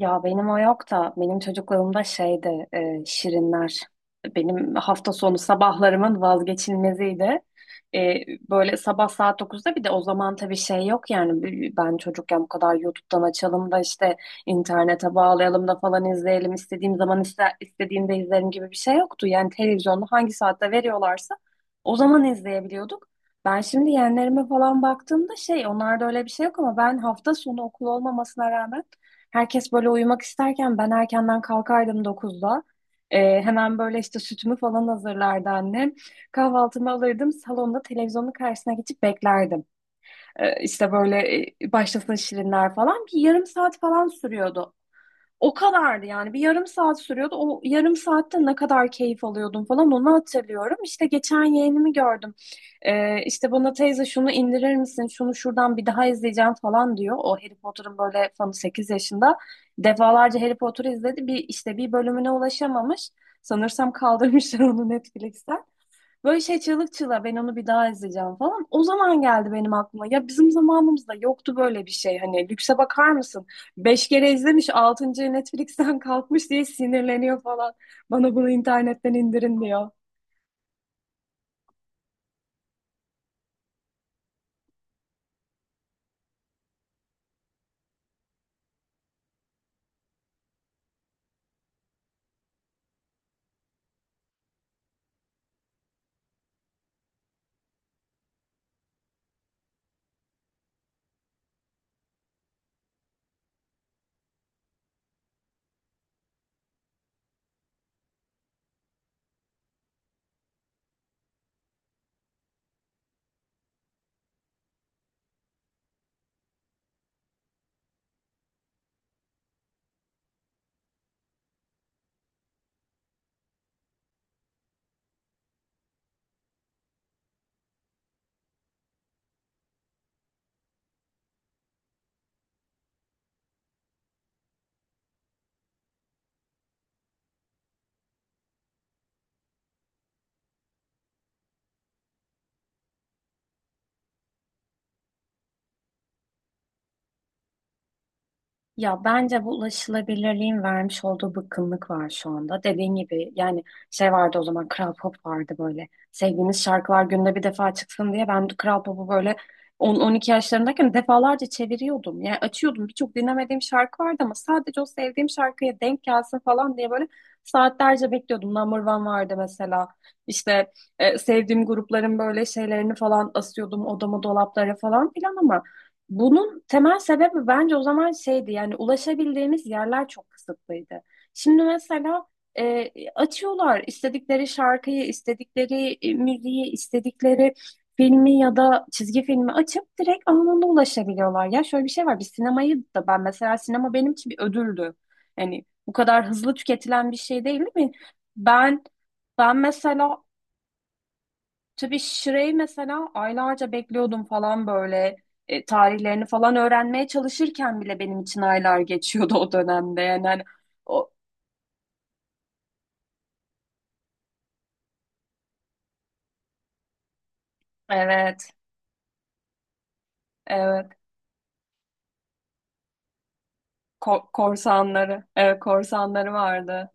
Ya benim o yok da benim çocukluğumda şeydi, şirinler. Benim hafta sonu sabahlarımın vazgeçilmeziydi. E, Böyle sabah saat dokuzda, bir de o zaman tabii şey yok yani, ben çocukken bu kadar YouTube'dan açalım da işte internete bağlayalım da falan izleyelim istediğim zaman istediğimde izlerim gibi bir şey yoktu. Yani televizyonda hangi saatte veriyorlarsa o zaman izleyebiliyorduk. Ben şimdi yeğenlerime falan baktığımda şey onlarda öyle bir şey yok, ama ben hafta sonu okul olmamasına rağmen herkes böyle uyumak isterken ben erkenden kalkardım 9'da. Hemen böyle işte sütümü falan hazırlardı annem. Kahvaltımı alırdım salonda televizyonun karşısına geçip beklerdim. İşte böyle, başlasın şirinler falan, bir yarım saat falan sürüyordu. O kadardı yani, bir yarım saat sürüyordu. O yarım saatte ne kadar keyif alıyordum falan onu hatırlıyorum. İşte geçen yeğenimi gördüm. İşte bana teyze şunu indirir misin, şunu şuradan bir daha izleyeceğim falan diyor. O Harry Potter'ın böyle fanı, 8 yaşında. Defalarca Harry Potter izledi. Bir işte bir bölümüne ulaşamamış. Sanırsam kaldırmışlar onu Netflix'ten. Böyle şey çığlık çığlığa, ben onu bir daha izleyeceğim falan. O zaman geldi benim aklıma. Ya bizim zamanımızda yoktu böyle bir şey. Hani lükse bakar mısın? Beş kere izlemiş, altıncı Netflix'ten kalkmış diye sinirleniyor falan. Bana bunu internetten indirin diyor. Ya bence bu ulaşılabilirliğin vermiş olduğu bıkkınlık var şu anda. Dediğin gibi yani, şey vardı o zaman, Kral Pop vardı böyle. Sevdiğiniz şarkılar günde bir defa çıksın diye ben Kral Pop'u böyle 10-12 yaşlarındayken defalarca çeviriyordum. Yani açıyordum, birçok dinlemediğim şarkı vardı ama sadece o sevdiğim şarkıya denk gelsin falan diye böyle saatlerce bekliyordum. Number One vardı mesela. İşte sevdiğim grupların böyle şeylerini falan asıyordum odama, dolaplara falan filan, ama bunun temel sebebi bence o zaman şeydi, yani ulaşabildiğimiz yerler çok kısıtlıydı. Şimdi mesela açıyorlar istedikleri şarkıyı, istedikleri müziği, istedikleri filmi ya da çizgi filmi açıp direkt anında ulaşabiliyorlar. Ya şöyle bir şey var, bir sinemayı da ben mesela, sinema benim için bir ödüldü. Yani bu kadar hızlı tüketilen bir şey değil mi? Ben ben mesela tabii Şire'yi mesela aylarca bekliyordum falan böyle. Tarihlerini falan öğrenmeye çalışırken bile benim için aylar geçiyordu o dönemde. Yani hani o, evet, evet. Korsanları, evet, korsanları vardı.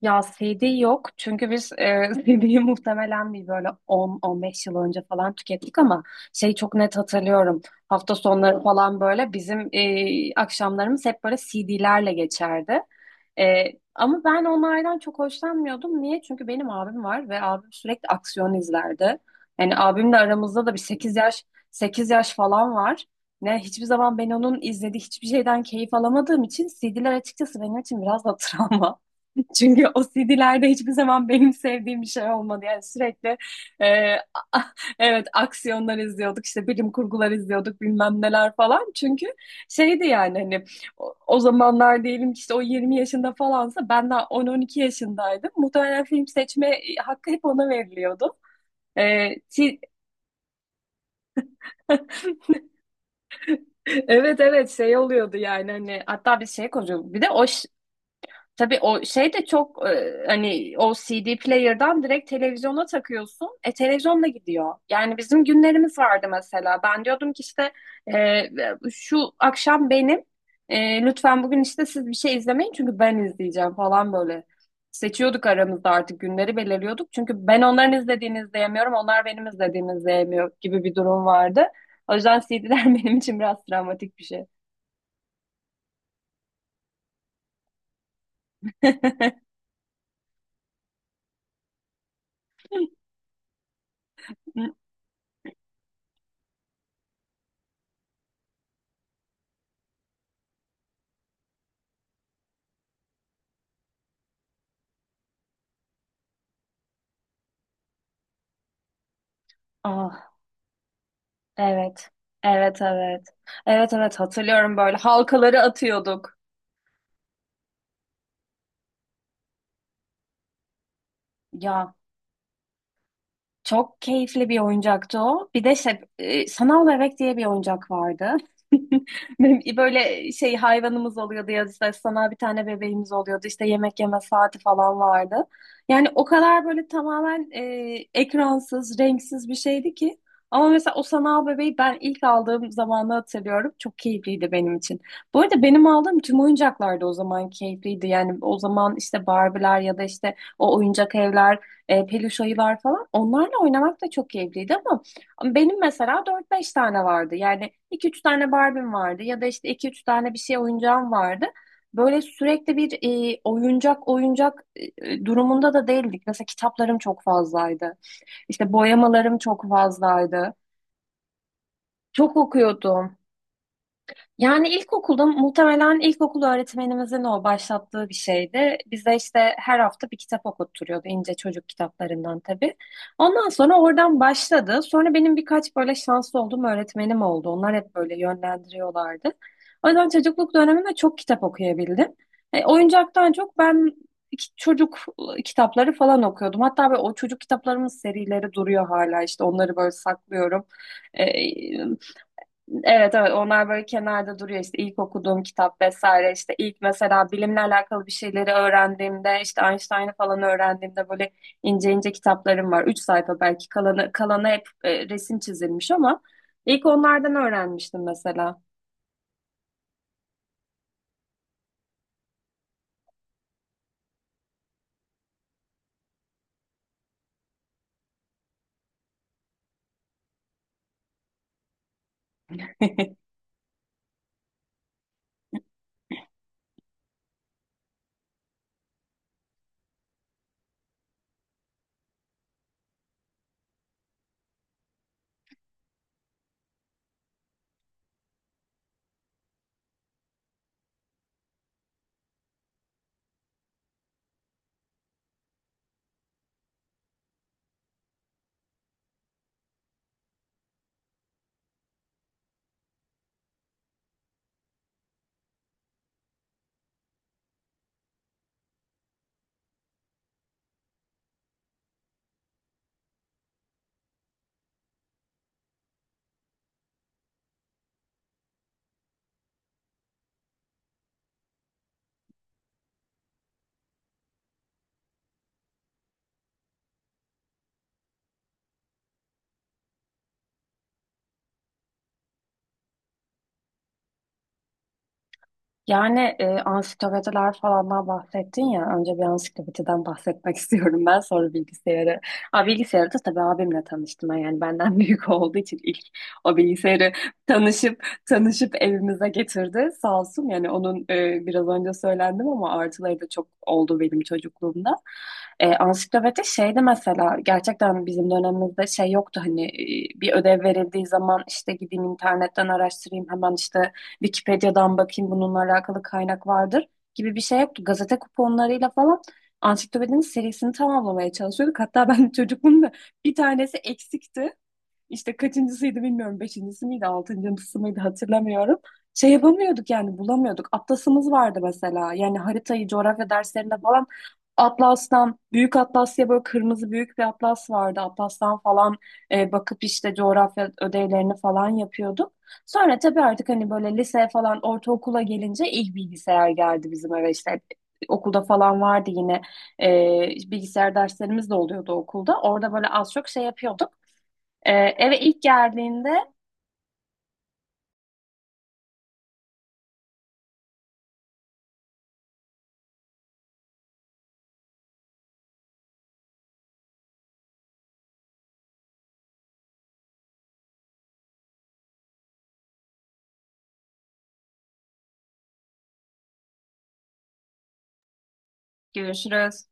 Ya CD yok, çünkü biz CD'yi muhtemelen bir böyle on on beş yıl önce falan tükettik, ama şey çok net hatırlıyorum. Hafta sonları falan böyle bizim akşamlarımız hep böyle CD'lerle geçerdi. E, Ama ben onlardan çok hoşlanmıyordum. Niye? Çünkü benim abim var ve abim sürekli aksiyon izlerdi. Yani abimle aramızda da bir sekiz yaş falan var. Ne hiçbir zaman ben onun izlediği hiçbir şeyden keyif alamadığım için, CD'ler açıkçası benim için biraz da travma. Çünkü o CD'lerde hiçbir zaman benim sevdiğim bir şey olmadı. Yani sürekli e, evet, aksiyonlar izliyorduk, işte bilim kurgular izliyorduk, bilmem neler falan. Çünkü şeydi yani hani, o zamanlar diyelim ki, işte o 20 yaşında falansa ben daha 10-12 yaşındaydım. Muhtemelen film seçme hakkı hep ona veriliyordu. E, ti- Evet, evet, şey oluyordu yani hani, hatta bir şey koyuyor. Bir de o, tabii o şey de çok, hani o CD player'dan direkt televizyona takıyorsun. Televizyonla gidiyor. Yani bizim günlerimiz vardı mesela. Ben diyordum ki işte, e, şu akşam benim, lütfen bugün işte siz bir şey izlemeyin çünkü ben izleyeceğim falan böyle. Seçiyorduk aramızda, artık günleri belirliyorduk. Çünkü ben onların izlediğini izleyemiyorum, onlar benim izlediğimi izleyemiyor gibi bir durum vardı. O yüzden CD'ler benim için biraz travmatik bir şey. Ah. Evet. Evet, evet. Evet, evet, hatırlıyorum, böyle halkaları atıyorduk. Ya, çok keyifli bir oyuncaktı o. Bir de şey, sanal bebek diye bir oyuncak vardı. Benim böyle şey hayvanımız oluyordu ya, işte sanal bir tane bebeğimiz oluyordu. İşte yemek yeme saati falan vardı. Yani o kadar böyle tamamen ekransız, renksiz bir şeydi ki. Ama mesela o sanal bebeği ben ilk aldığım zamanı hatırlıyorum. Çok keyifliydi benim için. Bu arada benim aldığım tüm oyuncaklar da o zaman keyifliydi. Yani o zaman işte Barbie'ler ya da işte o oyuncak evler, peluş ayılar falan. Onlarla oynamak da çok keyifliydi, ama benim mesela dört beş tane vardı. Yani iki üç tane Barbie'm vardı, ya da işte iki üç tane bir şey oyuncağım vardı. Böyle sürekli bir oyuncak oyuncak durumunda da değildik. Mesela kitaplarım çok fazlaydı. İşte boyamalarım çok fazlaydı. Çok okuyordum. Yani ilkokulda, muhtemelen ilkokul öğretmenimizin o başlattığı bir şeydi. Bize işte her hafta bir kitap okutturuyordu, ince çocuk kitaplarından tabii. Ondan sonra oradan başladı. Sonra benim birkaç böyle şanslı olduğum öğretmenim oldu. Onlar hep böyle yönlendiriyorlardı. O yüzden çocukluk döneminde çok kitap okuyabildim. Oyuncaktan çok ben çocuk kitapları falan okuyordum. Hatta böyle o çocuk kitaplarımın serileri duruyor hala, işte onları böyle saklıyorum. E, Evet, evet, onlar böyle kenarda duruyor, işte ilk okuduğum kitap vesaire, işte ilk mesela bilimle alakalı bir şeyleri öğrendiğimde, işte Einstein'ı falan öğrendiğimde böyle ince ince kitaplarım var. Üç sayfa belki, kalanı hep resim çizilmiş, ama ilk onlardan öğrenmiştim mesela. Yani, ansiklopediler falandan bahsettin ya. Önce bir ansiklopediden bahsetmek istiyorum ben. Sonra bilgisayarı. Aa, bilgisayarı da tabii abimle tanıştım. Yani benden büyük olduğu için ilk o bilgisayarı tanışıp tanışıp evimize getirdi. Sağ olsun, yani onun, biraz önce söylendim ama artıları da çok oldu benim çocukluğumda. Ansiklopedi şeydi mesela, gerçekten bizim dönemimizde şey yoktu hani, bir ödev verildiği zaman işte gideyim internetten araştırayım, hemen işte Wikipedia'dan bakayım bununla alakalı kaynak vardır gibi bir şey yoktu. Gazete kuponlarıyla falan ansiklopedinin serisini tamamlamaya çalışıyorduk. Hatta ben çocukluğumda bir tanesi eksikti. İşte kaçıncısıydı bilmiyorum. Beşincisi miydi, altıncısı mıydı hatırlamıyorum. Şey yapamıyorduk yani, bulamıyorduk. Atlasımız vardı mesela. Yani haritayı coğrafya derslerinde falan Atlas'tan, Büyük Atlas diye böyle kırmızı büyük bir atlas vardı. Atlas'tan falan bakıp işte coğrafya ödevlerini falan yapıyorduk. Sonra tabii artık hani böyle liseye falan, ortaokula gelince ilk bilgisayar geldi bizim eve işte. Okulda falan vardı yine, bilgisayar derslerimiz de oluyordu okulda. Orada böyle az çok şey yapıyorduk. Ee, Eve ilk geldiğinde görüşürüz.